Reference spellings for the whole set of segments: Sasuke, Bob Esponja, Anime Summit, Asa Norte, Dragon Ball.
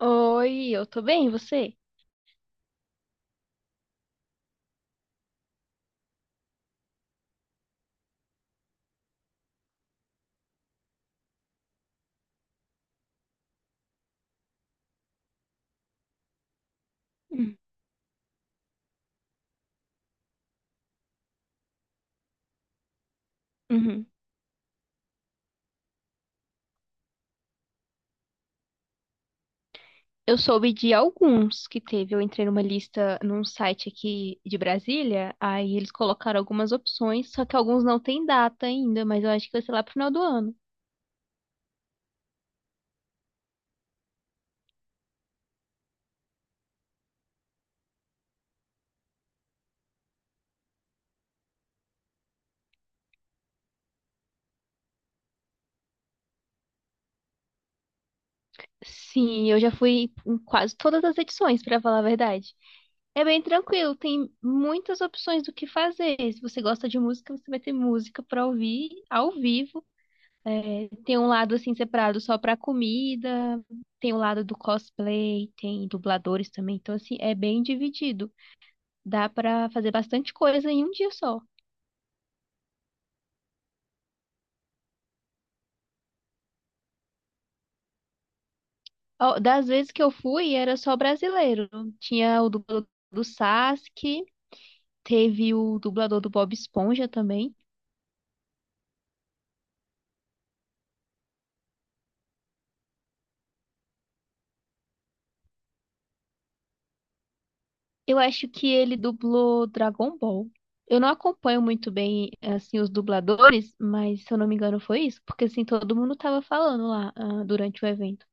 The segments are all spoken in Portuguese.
Oi, eu tô bem, e você? Hum. Uhum. Eu soube de alguns que teve. Eu entrei numa lista num site aqui de Brasília, aí eles colocaram algumas opções, só que alguns não tem data ainda, mas eu acho que vai ser lá pro final do ano. Sim, eu já fui em quase todas as edições, pra falar a verdade. É bem tranquilo, tem muitas opções do que fazer. Se você gosta de música, você vai ter música pra ouvir ao vivo. É, tem um lado assim separado só pra comida, tem o lado do cosplay, tem dubladores também. Então, assim, é bem dividido. Dá pra fazer bastante coisa em um dia só. Ó, das vezes que eu fui, era só brasileiro. Tinha o dublador do Sasuke, teve o dublador do Bob Esponja também. Eu acho que ele dublou Dragon Ball. Eu não acompanho muito bem, assim, os dubladores, mas se eu não me engano foi isso, porque assim todo mundo tava falando lá, ah, durante o evento.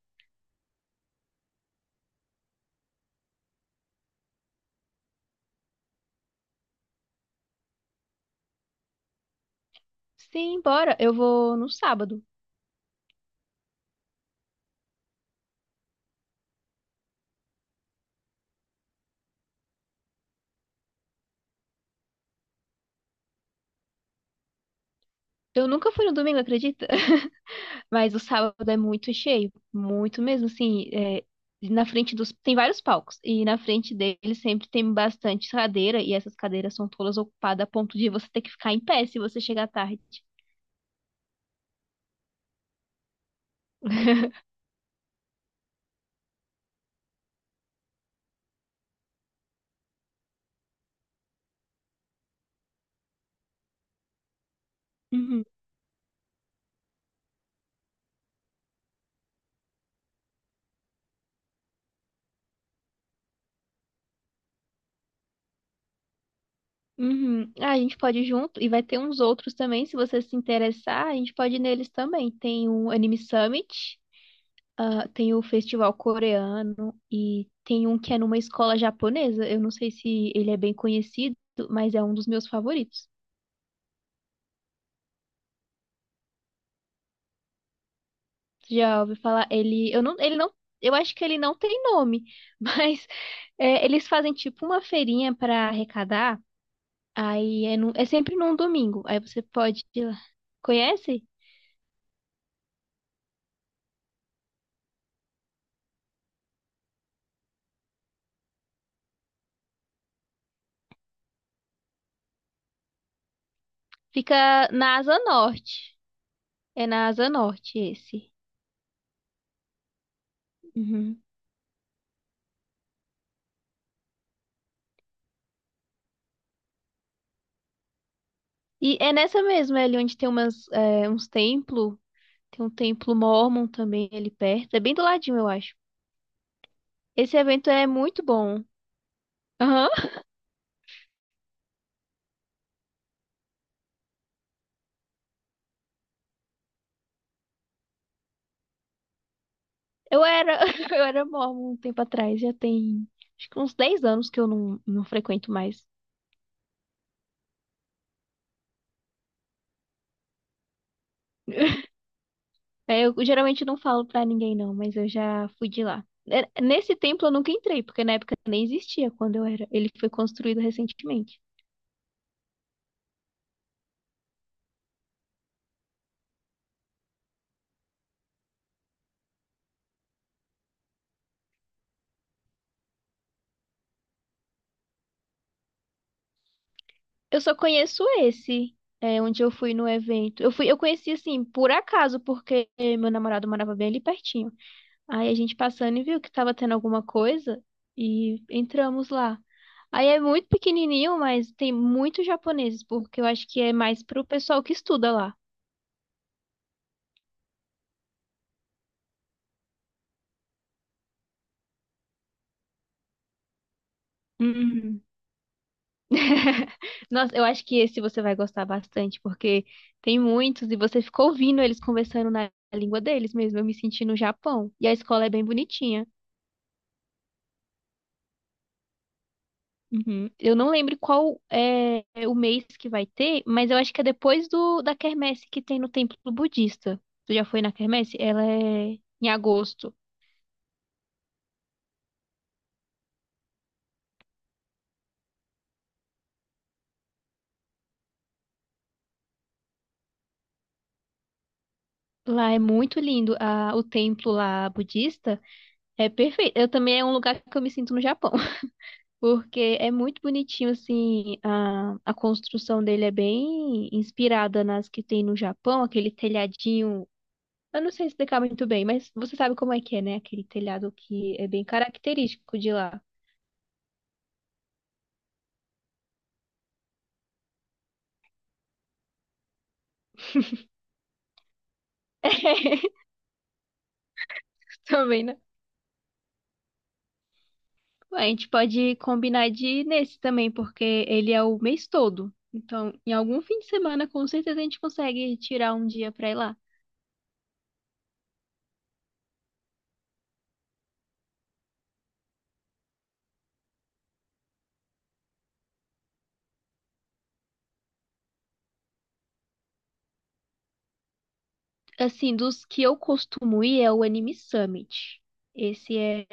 Sim, bora. Eu vou no sábado. Eu nunca fui no domingo, acredita? Mas o sábado é muito cheio, muito mesmo, assim, é, Tem vários palcos, e na frente deles sempre tem bastante cadeira, e essas cadeiras são todas ocupadas a ponto de você ter que ficar em pé se você chegar tarde. Uhum. Uhum. Ah, a gente pode ir junto, e vai ter uns outros também, se você se interessar, a gente pode ir neles também. Tem o Anime Summit, ah, tem o festival coreano e tem um que é numa escola japonesa. Eu não sei se ele é bem conhecido, mas é um dos meus favoritos. Você já ouviu falar? Ele, eu não, ele não, Eu acho que ele não tem nome, mas é, eles fazem tipo uma feirinha para arrecadar. Aí é sempre num domingo. Aí você pode ir lá. Conhece? Fica na Asa Norte. É na Asa Norte esse. Uhum. E é nessa mesma, é ali onde tem uns templos. Tem um templo mórmon também ali perto. É bem do ladinho, eu acho. Esse evento é muito bom. Aham. Eu era, eu era mórmon um tempo atrás, já tem acho que uns 10 anos que eu não frequento mais. É, eu geralmente não falo pra ninguém, não, mas eu já fui de lá. É, nesse templo eu nunca entrei, porque na época nem existia quando eu era. Ele foi construído recentemente. Eu só conheço esse, onde eu fui no evento. Eu conheci assim, por acaso, porque meu namorado morava bem ali pertinho. Aí a gente passando e viu que tava tendo alguma coisa e entramos lá. Aí é muito pequenininho, mas tem muitos japoneses, porque eu acho que é mais pro pessoal que estuda lá. Hum. Nossa, eu acho que esse você vai gostar bastante, porque tem muitos e você ficou ouvindo eles conversando na língua deles mesmo. Eu me senti no Japão. E a escola é bem bonitinha. Uhum. Eu não lembro qual é o mês que vai ter, mas eu acho que é depois do da quermesse que tem no templo budista. Tu já foi na quermesse? Ela é em agosto. Lá é muito lindo. O templo lá budista é perfeito. Eu também é um lugar que eu me sinto no Japão, porque é muito bonitinho assim. A construção dele é bem inspirada nas que tem no Japão, aquele telhadinho. Eu não sei explicar muito bem, mas você sabe como é que é, né? Aquele telhado que é bem característico de lá. Também, né? A gente pode combinar de ir nesse também, porque ele é o mês todo. Então, em algum fim de semana, com certeza a gente consegue tirar um dia pra ir lá. Assim, dos que eu costumo ir é o Anime Summit. Esse é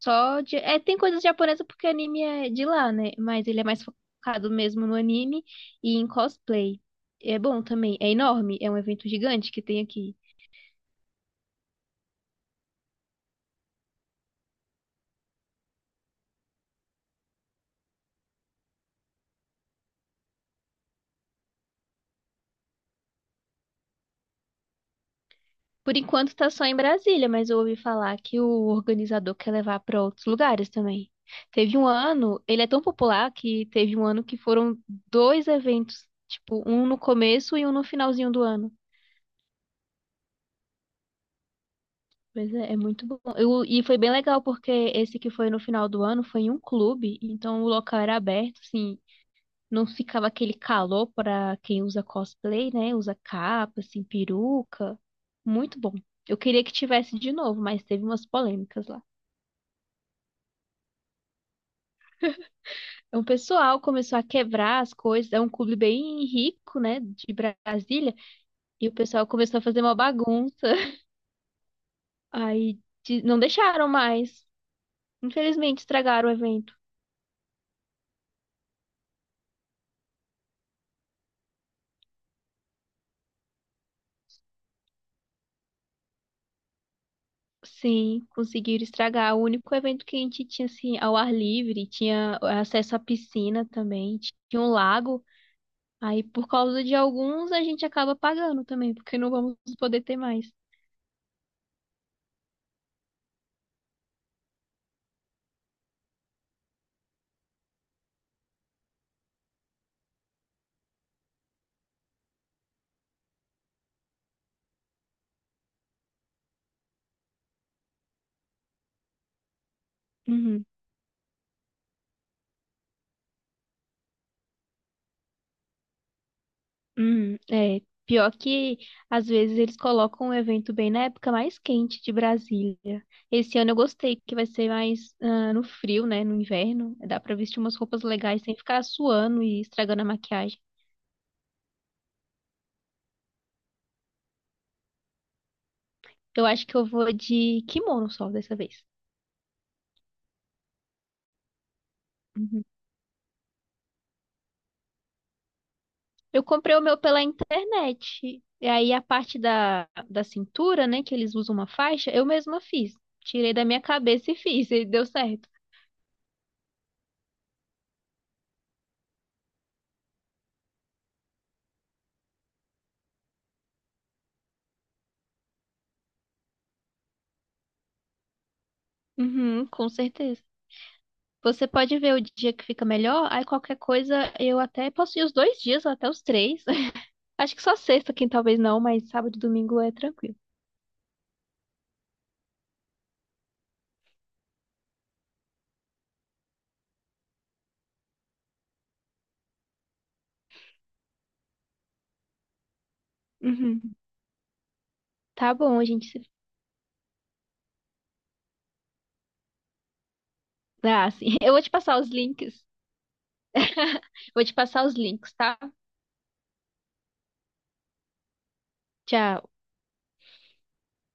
só de... É, tem coisas japonesas porque anime é de lá, né? Mas ele é mais focado mesmo no anime e em cosplay. É bom também. É enorme, é um evento gigante que tem aqui. Por enquanto tá só em Brasília, mas eu ouvi falar que o organizador quer levar para outros lugares também. Ele é tão popular que teve um ano que foram dois eventos, tipo, um no começo e um no finalzinho do ano. Mas é muito bom. E foi bem legal porque esse que foi no final do ano foi em um clube, então o local era aberto, assim, não ficava aquele calor para quem usa cosplay, né? Usa capa, assim, peruca. Muito bom. Eu queria que tivesse de novo, mas teve umas polêmicas lá. O pessoal começou a quebrar as coisas. É um clube bem rico, né, de Brasília. E o pessoal começou a fazer uma bagunça. Aí não deixaram mais. Infelizmente, estragaram o evento. Sim, conseguiram estragar. O único evento que a gente tinha, assim, ao ar livre, tinha acesso à piscina também, tinha um lago. Aí, por causa de alguns, a gente acaba pagando também, porque não vamos poder ter mais. Uhum. É. Pior que às vezes eles colocam o evento bem na época mais quente de Brasília. Esse ano eu gostei, que vai ser mais ah, no frio, né? No inverno. Dá pra vestir umas roupas legais sem ficar suando e estragando a maquiagem. Eu acho que eu vou de kimono só dessa vez. Uhum. Eu comprei o meu pela internet. E aí a parte da cintura, né? Que eles usam uma faixa, eu mesma fiz. Tirei da minha cabeça e fiz, e deu certo. Uhum, com certeza. Você pode ver o dia que fica melhor, aí qualquer coisa eu até posso ir os 2 dias, ou até os três. Acho que só sexta, quem talvez não, mas sábado e domingo é tranquilo. Uhum. Tá bom, a gente se- Ah, sim. Eu vou te passar os links. Vou te passar os links, tá? Tchau.